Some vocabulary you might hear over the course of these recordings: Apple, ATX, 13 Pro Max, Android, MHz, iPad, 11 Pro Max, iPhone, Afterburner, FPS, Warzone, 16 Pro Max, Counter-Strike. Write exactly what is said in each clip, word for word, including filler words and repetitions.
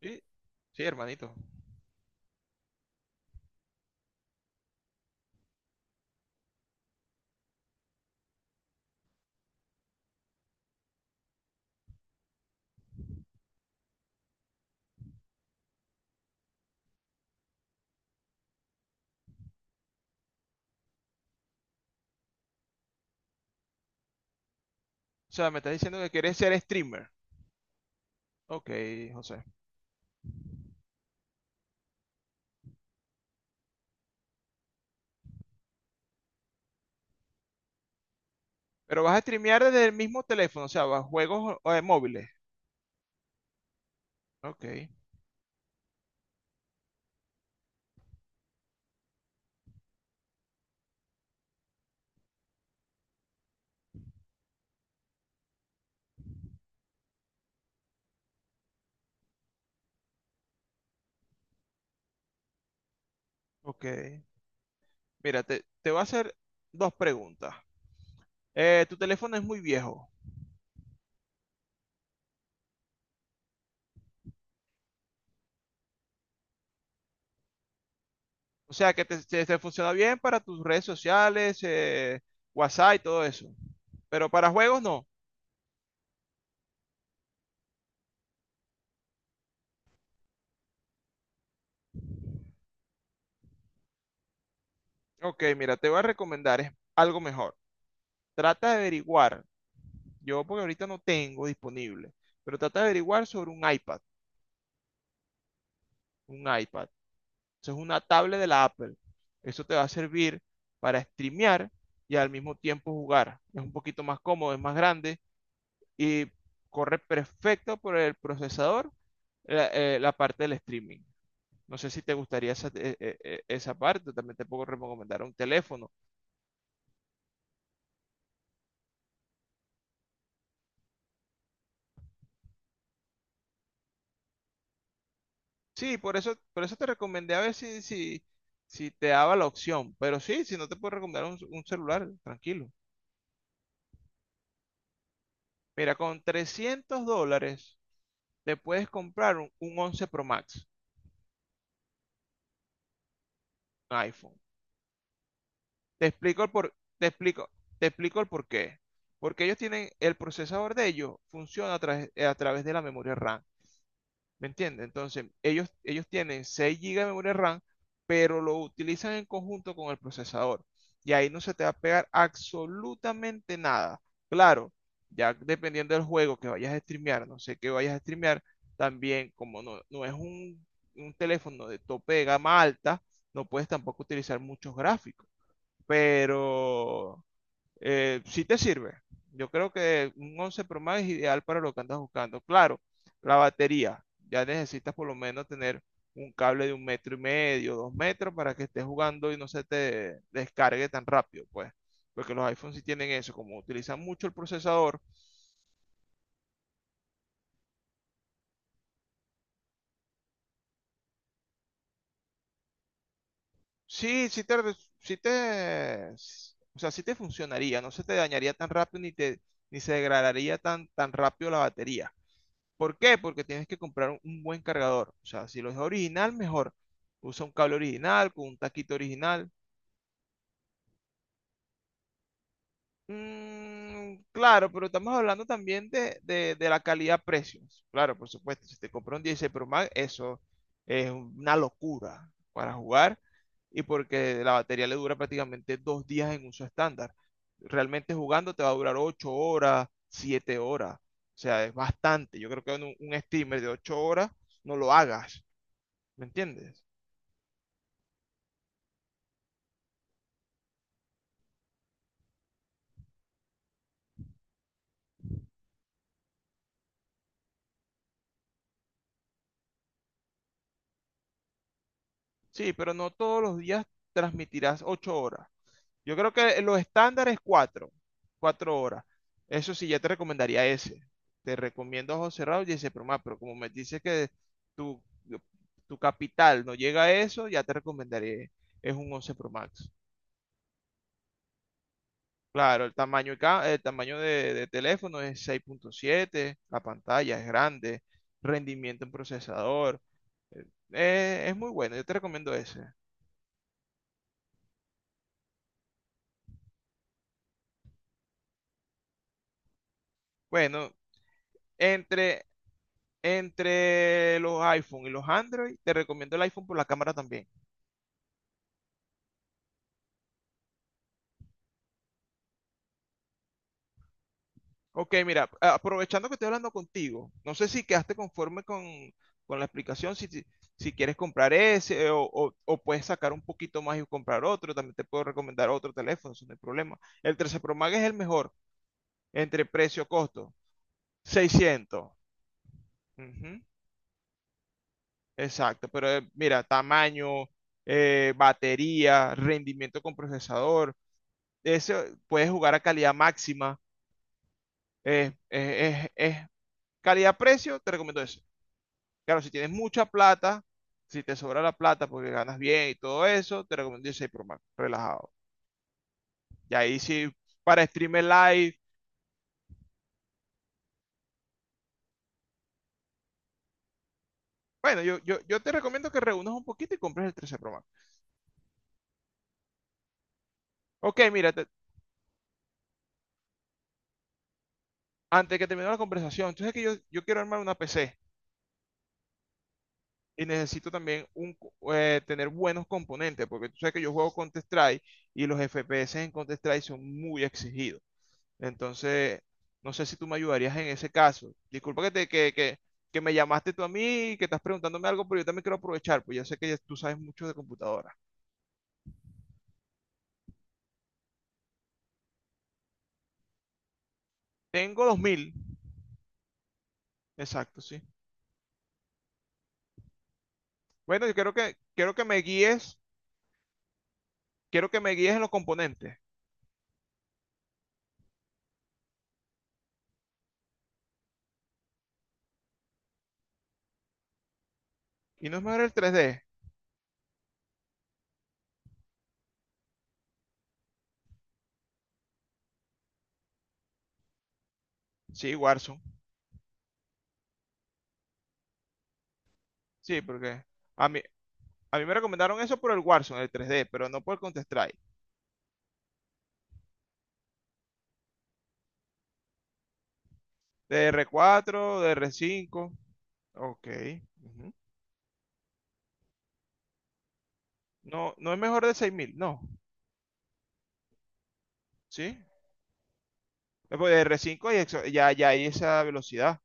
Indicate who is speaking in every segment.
Speaker 1: Sí, sí, hermanito. O sea, me estás diciendo que quieres ser streamer. Ok, José. Pero vas a streamear desde el mismo teléfono, o sea, vas a juegos o- eh, móviles. Ok, ok. Mira, te, te voy a hacer dos preguntas. Eh, tu teléfono es muy viejo. O sea, que te, te- te funciona bien para tus redes sociales, eh, WhatsApp y todo eso. Pero para juegos no. Ok, mira, te voy a recomendar es algo mejor. Trata de averiguar. Yo porque ahorita no tengo disponible. Pero trata de averiguar sobre un iPad. Un iPad. Eso es una tablet de la Apple. Eso te va a servir para streamear y al mismo tiempo jugar. Es un poquito más cómodo, es más grande y corre perfecto por el procesador la, eh, la parte del streaming. No sé si te gustaría esa, eh, eh, eh, esa parte, también te puedo recomendar un teléfono. Sí, por eso, por eso te recomendé a ver si, si, si te daba la opción, pero sí, si no te puedo recomendar un, un celular, tranquilo. Mira, con trescientos dólares te puedes comprar un, un once Pro Max. iPhone. Te explico el por, te explico, Te explico el por qué. Porque ellos tienen, el procesador de ellos funciona a, través- eh, a través de la memoria RAM. ¿Me entiendes? Entonces, ellos, ellos tienen seis gigas de memoria RAM, pero lo utilizan en conjunto con el procesador. Y ahí no se te va a pegar absolutamente nada. Claro, ya dependiendo del juego que vayas a streamear, no sé qué vayas a streamear, también como no, no es un, un teléfono de tope de gama alta, no puedes tampoco utilizar muchos gráficos, pero eh, sí te sirve. Yo creo que un once Pro Max es ideal para lo que andas buscando. Claro, la batería, ya necesitas por lo menos tener un cable de un metro y medio, dos metros, para que estés jugando y no se te descargue tan rápido, pues. Porque los iPhones sí tienen eso, como utilizan mucho el procesador. Sí, sí te, sí te, o sea, sí te funcionaría, no se te dañaría tan rápido, ni te, ni se degradaría tan, tan rápido la batería. ¿Por qué? Porque tienes que comprar un, un buen cargador. O sea, si lo es original, mejor. Usa un cable original, con un taquito original. Mm, claro, pero estamos hablando también de, de- de la calidad-precio. Claro, por supuesto. Si te compras un dieciséis Pro Max, eso es una locura para jugar. Y porque la batería le dura prácticamente dos días en uso estándar. Realmente jugando te va a durar ocho horas, siete horas. O sea, es bastante. Yo creo que un, un streamer de ocho horas no lo hagas. ¿Me entiendes? Sí, pero no todos los días transmitirás ocho horas. Yo creo que los estándares es cuatro, cuatro horas. Eso sí, ya te recomendaría ese. Te recomiendo ojos cerrados y ese programa, pero como me dices que tu, tu capital no llega a eso, ya te recomendaría, es un once Pro Max. Claro, el tamaño, y ca- el tamaño de, de teléfono es seis punto siete, la pantalla es grande, rendimiento en procesador, eh, es muy bueno, yo te recomiendo ese. Bueno, Entre, entre los iPhone y los Android, te recomiendo el iPhone por la cámara también. Ok, mira, aprovechando que estoy hablando contigo, no sé si quedaste conforme con, con la explicación, si, si, si quieres comprar ese, eh, o, o- o puedes sacar un poquito más y comprar otro, también te puedo recomendar otro teléfono, eso no hay problema. El trece Pro Max es el mejor entre precio-costo, seiscientos. Ujú. Exacto, pero eh, mira, tamaño, eh, batería, rendimiento con procesador. Eso, puedes jugar a calidad máxima. eh, eh, es- es calidad-precio, te recomiendo eso. Claro, si tienes mucha plata, si te sobra la plata porque ganas bien y todo eso, te recomiendo el Pro Max, relajado. Y ahí sí, para streamer live. Bueno, yo, yo, yo te recomiendo que reúnas un poquito y compres el trece Pro Max. Ok, mira, te- antes de que termine la conversación, entonces es que yo, yo quiero armar una P C y necesito también, un, co- eh, tener buenos componentes, porque tú sabes que yo juego Counter-Strike y los F P S en Counter-Strike son muy exigidos. Entonces, no sé si tú me ayudarías en ese caso. Disculpa que, te, que, que, que me llamaste tú a mí y que estás preguntándome algo, pero yo también quiero aprovechar, pues ya sé que ya tú sabes mucho de computadora. Tengo dos mil. Exacto, sí. Bueno, yo quiero que, quiero que me guíes, quiero que me guíes en los componentes. ¿Y no es mejor el tres d? Sí, Warzone. Sí, porque a mí, a mí me recomendaron eso por el Warzone, el tres d, pero no por el Counter-Strike. D R cuatro 4 R cinco. Ok. Ujú. No, no es mejor de seis mil, ¿no? ¿Sí? Después de r cinco hay exo- ya, ya hay esa velocidad.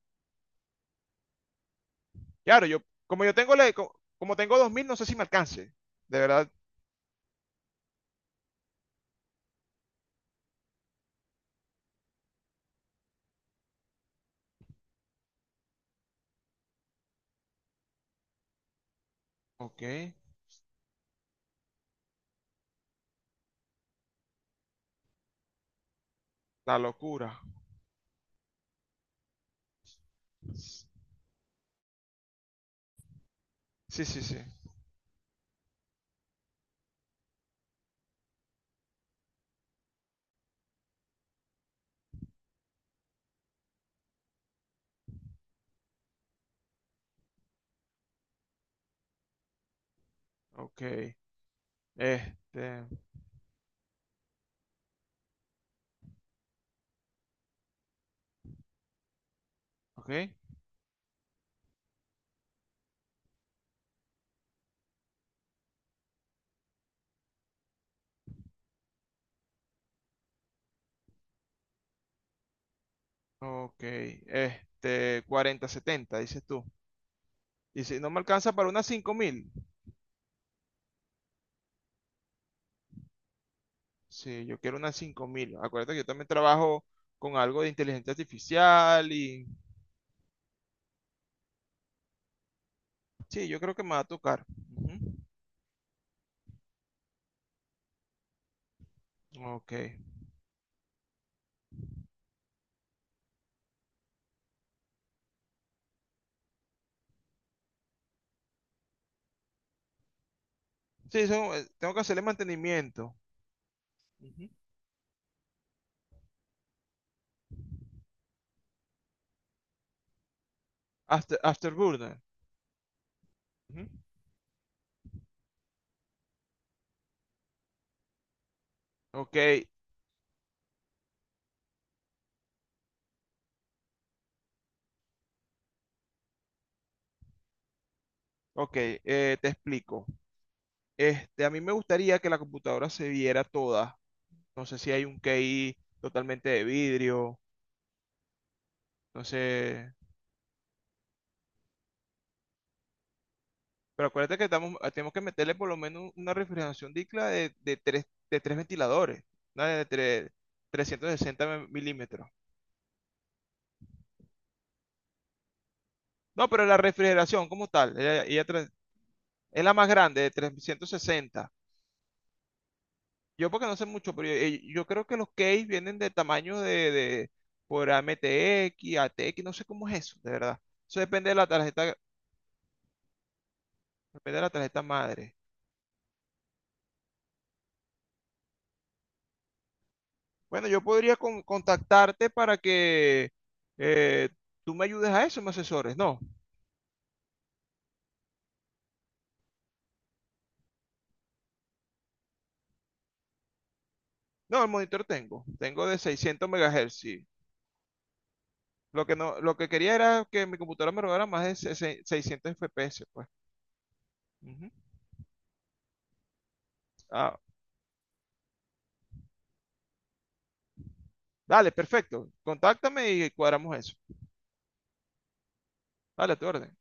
Speaker 1: Claro, yo, como yo tengo la- co- como tengo dos mil, no sé si me alcance. De verdad. Ok. La locura. Sí, sí, sí. Ok. Este. Ok. Ok. Este. Cuarenta setenta dices tú. Y si no me alcanza para unas cinco mil. Sí, yo quiero unas cinco mil. Acuérdate que yo también trabajo con algo de inteligencia artificial y. Sí, yo creo que me va a tocar. Ujú. Ok. Sí, eso, eh, tengo que hacerle mantenimiento. Ujú. After, Afterburner. Ujú. Ok, ok, eh, te explico. Este, a mí me gustaría que la computadora se viera toda. No sé si hay un K I totalmente de vidrio, no sé. Pero acuérdate que estamos, ah, tenemos que meterle por lo menos una refrigeración dicla de, de, tres, de tres ventiladores, una de tres- trescientos sesenta milímetros. No, pero la refrigeración como tal, ella, ella tra- es la más grande de trescientos sesenta. Yo porque no sé mucho, pero yo, eh, yo creo que los keys vienen de tamaño de, de por A, A, M, T, X, A T, X, no sé cómo es eso, de verdad. Eso depende de la tarjeta, depende de la tarjeta madre. Bueno, yo podría con- contactarte para que, eh, tú me ayudes a eso, me asesores. No, no, el monitor tengo, tengo, de seiscientos megahertz, sí. Lo que no, lo que quería era que mi computadora me robara más de se- se- seiscientos F P S, pues. Ujú. Ah, dale, perfecto. Contáctame y cuadramos eso. Dale, a tu orden.